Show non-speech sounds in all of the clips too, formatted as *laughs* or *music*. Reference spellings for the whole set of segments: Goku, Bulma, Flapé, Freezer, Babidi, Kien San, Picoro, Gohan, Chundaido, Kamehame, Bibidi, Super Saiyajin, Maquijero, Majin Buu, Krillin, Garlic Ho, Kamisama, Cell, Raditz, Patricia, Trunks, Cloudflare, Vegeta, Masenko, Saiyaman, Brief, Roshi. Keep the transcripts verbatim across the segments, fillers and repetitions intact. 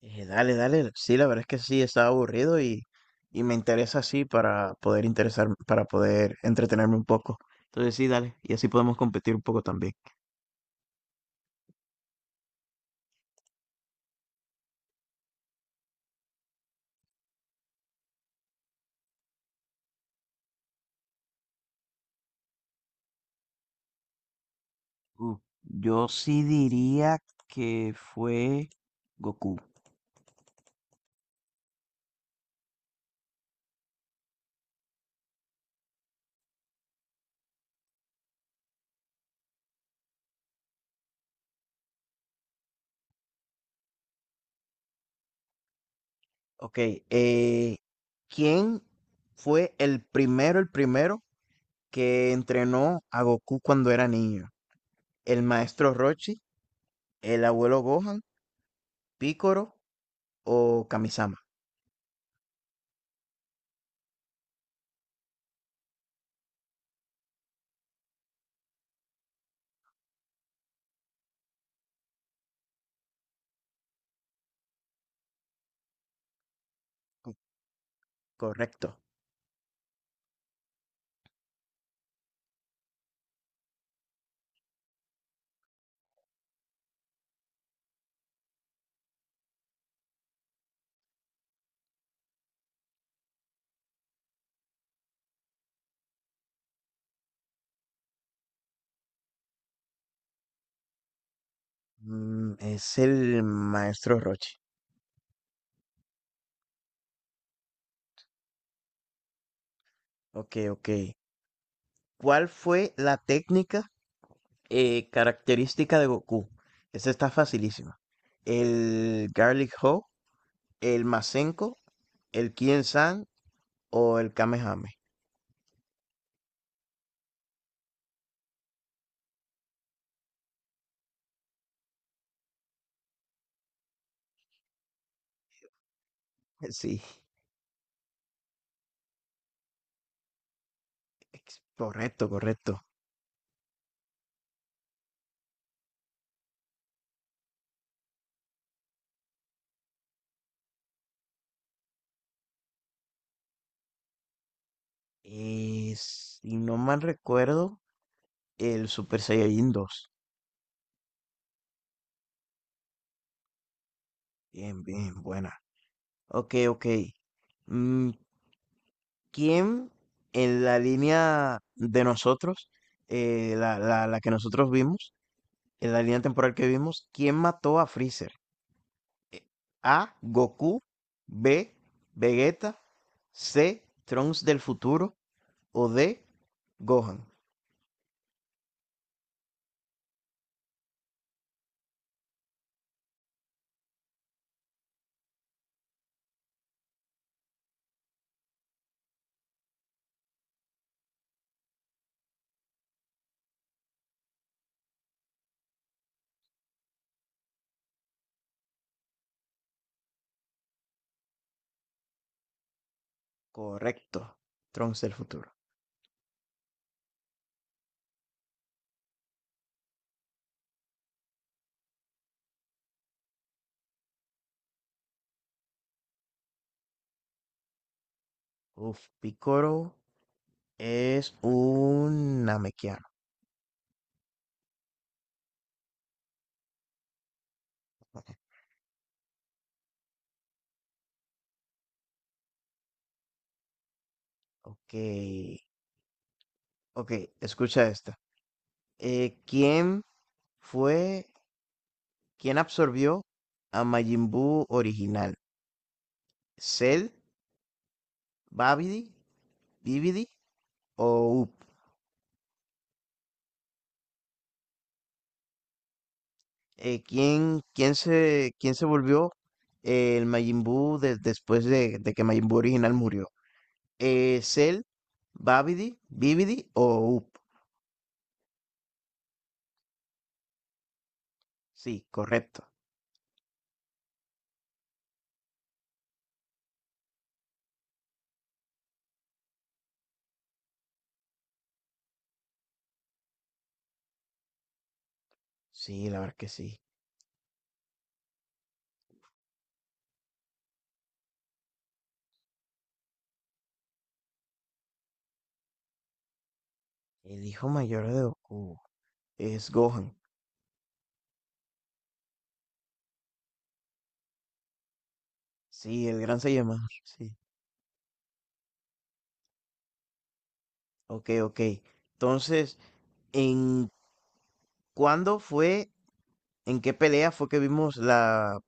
Eh, dale, dale. Sí, la verdad es que sí, estaba aburrido y, y me interesa así para poder interesar, para poder entretenerme un poco. Entonces sí, dale. Y así podemos competir un poco también. Uh, yo sí diría que fue Goku. Ok, eh, ¿quién fue el primero, el primero que entrenó a Goku cuando era niño? ¿El maestro Roshi, el abuelo Gohan, Picoro o Kamisama? Correcto. Mm, es el maestro Roshi. Ok, ok. ¿Cuál fue la técnica eh, característica de Goku? Esa está facilísima. ¿El Garlic Ho, el Masenko, el Kien San o el Kamehame? *laughs* Sí, ex- correcto, correcto. Eh, si no mal recuerdo, el Super Saiyajin dos. Bien, bien, buena. Ok, ok. Mm, ¿Quién en la línea de nosotros, eh, la, la- la que nosotros vimos, en la línea temporal que vimos, quién mató a Freezer? A, Goku; B, Vegeta; C, Trunks del futuro; o D, Gohan. Correcto, Trunks del futuro. Uf, Picoro es un Namekiano. Ok, ok, escucha esta. Eh, ¿quién fue quien absorbió a Majin Buu original? ¿Cell, Babidi, Bibidi o Up? Eh, ¿quién, quién se, quién se volvió eh, el Majin Buu de- después de, de que Majin Buu original murió? Eh, ¿Cell, Babidi, Bibidi o Up? Sí, correcto. Sí, la verdad que sí. El hijo mayor de Goku es Gohan. Sí, el gran Saiyaman. Sí. Ok, ok. Entonces, ¿en cuándo fue ¿en qué pelea fue que vimos la,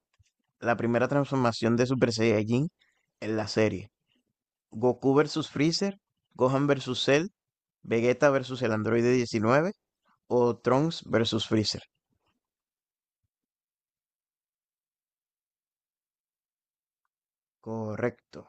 la primera transformación de Super Saiyajin en la serie? ¿Goku versus Freezer, Gohan versus Cell, Vegeta versus el androide diecinueve o Trunks versus Freezer? Correcto.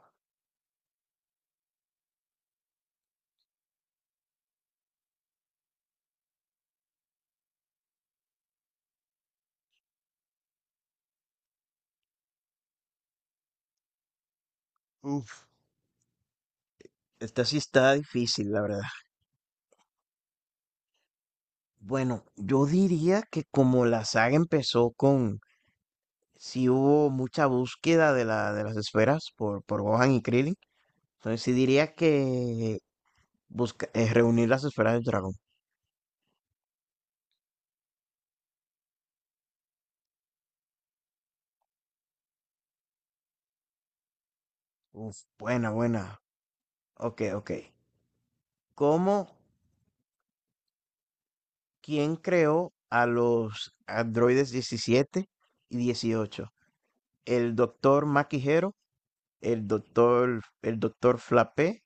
Uf, esta sí está difícil, la verdad. Bueno, yo diría que como la saga empezó con, sí hubo mucha búsqueda de la, de las esferas por, por Gohan y Krillin, entonces sí diría que busca, eh, reunir las esferas del dragón. Uf, buena, buena. Ok, ok. ¿Cómo, ¿quién creó a los androides diecisiete y dieciocho? ¿El doctor Maquijero, el doctor, el doctor Flapé,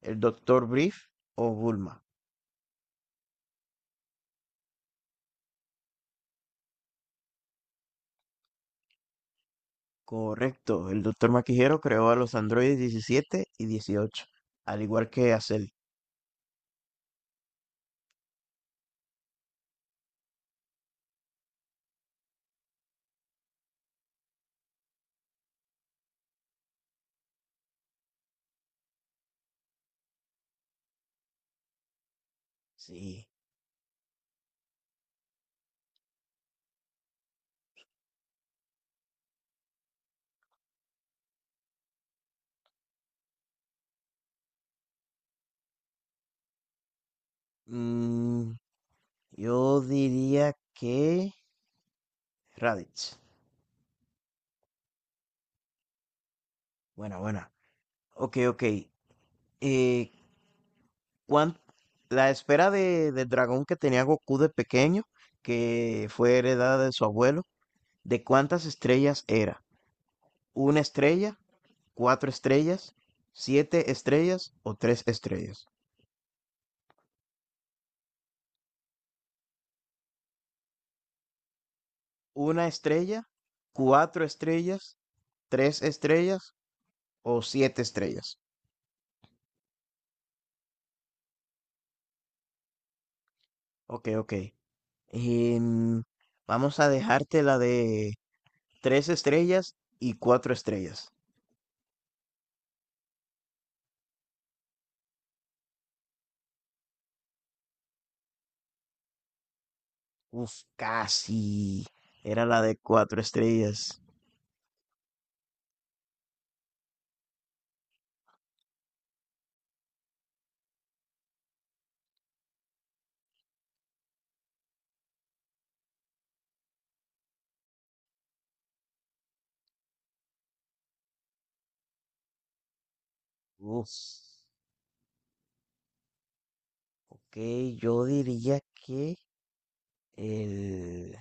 el doctor Brief o Bulma? Correcto, el doctor Maquijero creó a los androides diecisiete y dieciocho al igual que a Cell. Sí. Mm, yo diría que Raditz. Buena, buena. Ok, ok. Eh, One, la esfera de, del dragón que tenía Goku de pequeño, que fue heredada de su abuelo, ¿de cuántas estrellas era? ¿Una estrella, cuatro estrellas, siete estrellas o tres estrellas? ¿Una estrella, cuatro estrellas, tres estrellas o siete estrellas? Ok, ok. Em, Vamos a dejarte la de tres estrellas y cuatro estrellas. Uf, casi. Era la de cuatro estrellas. Uf, ok, yo diría que el...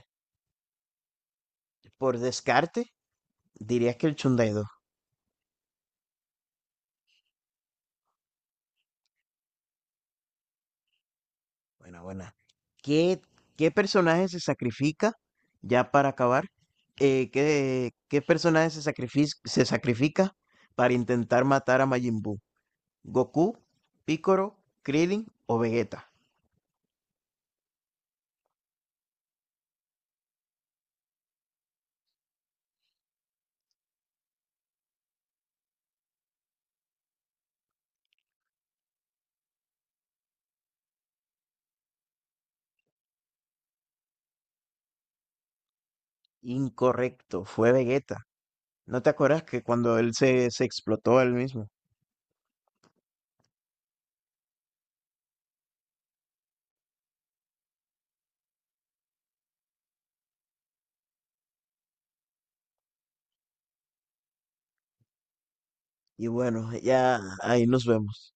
por descarte, diría que el Chundaido. Buena, buena. ¿Qué, qué personaje se sacrifica, ya para acabar? eh, ¿qué, qué personaje se sacrifica, se sacrifica para intentar matar a Majin Buu? ¿Goku, Piccolo, Krillin o Vegeta? Incorrecto, fue Vegeta. ¿No te acuerdas que cuando él se, se explotó a él mismo? Y bueno, ya ahí nos vemos.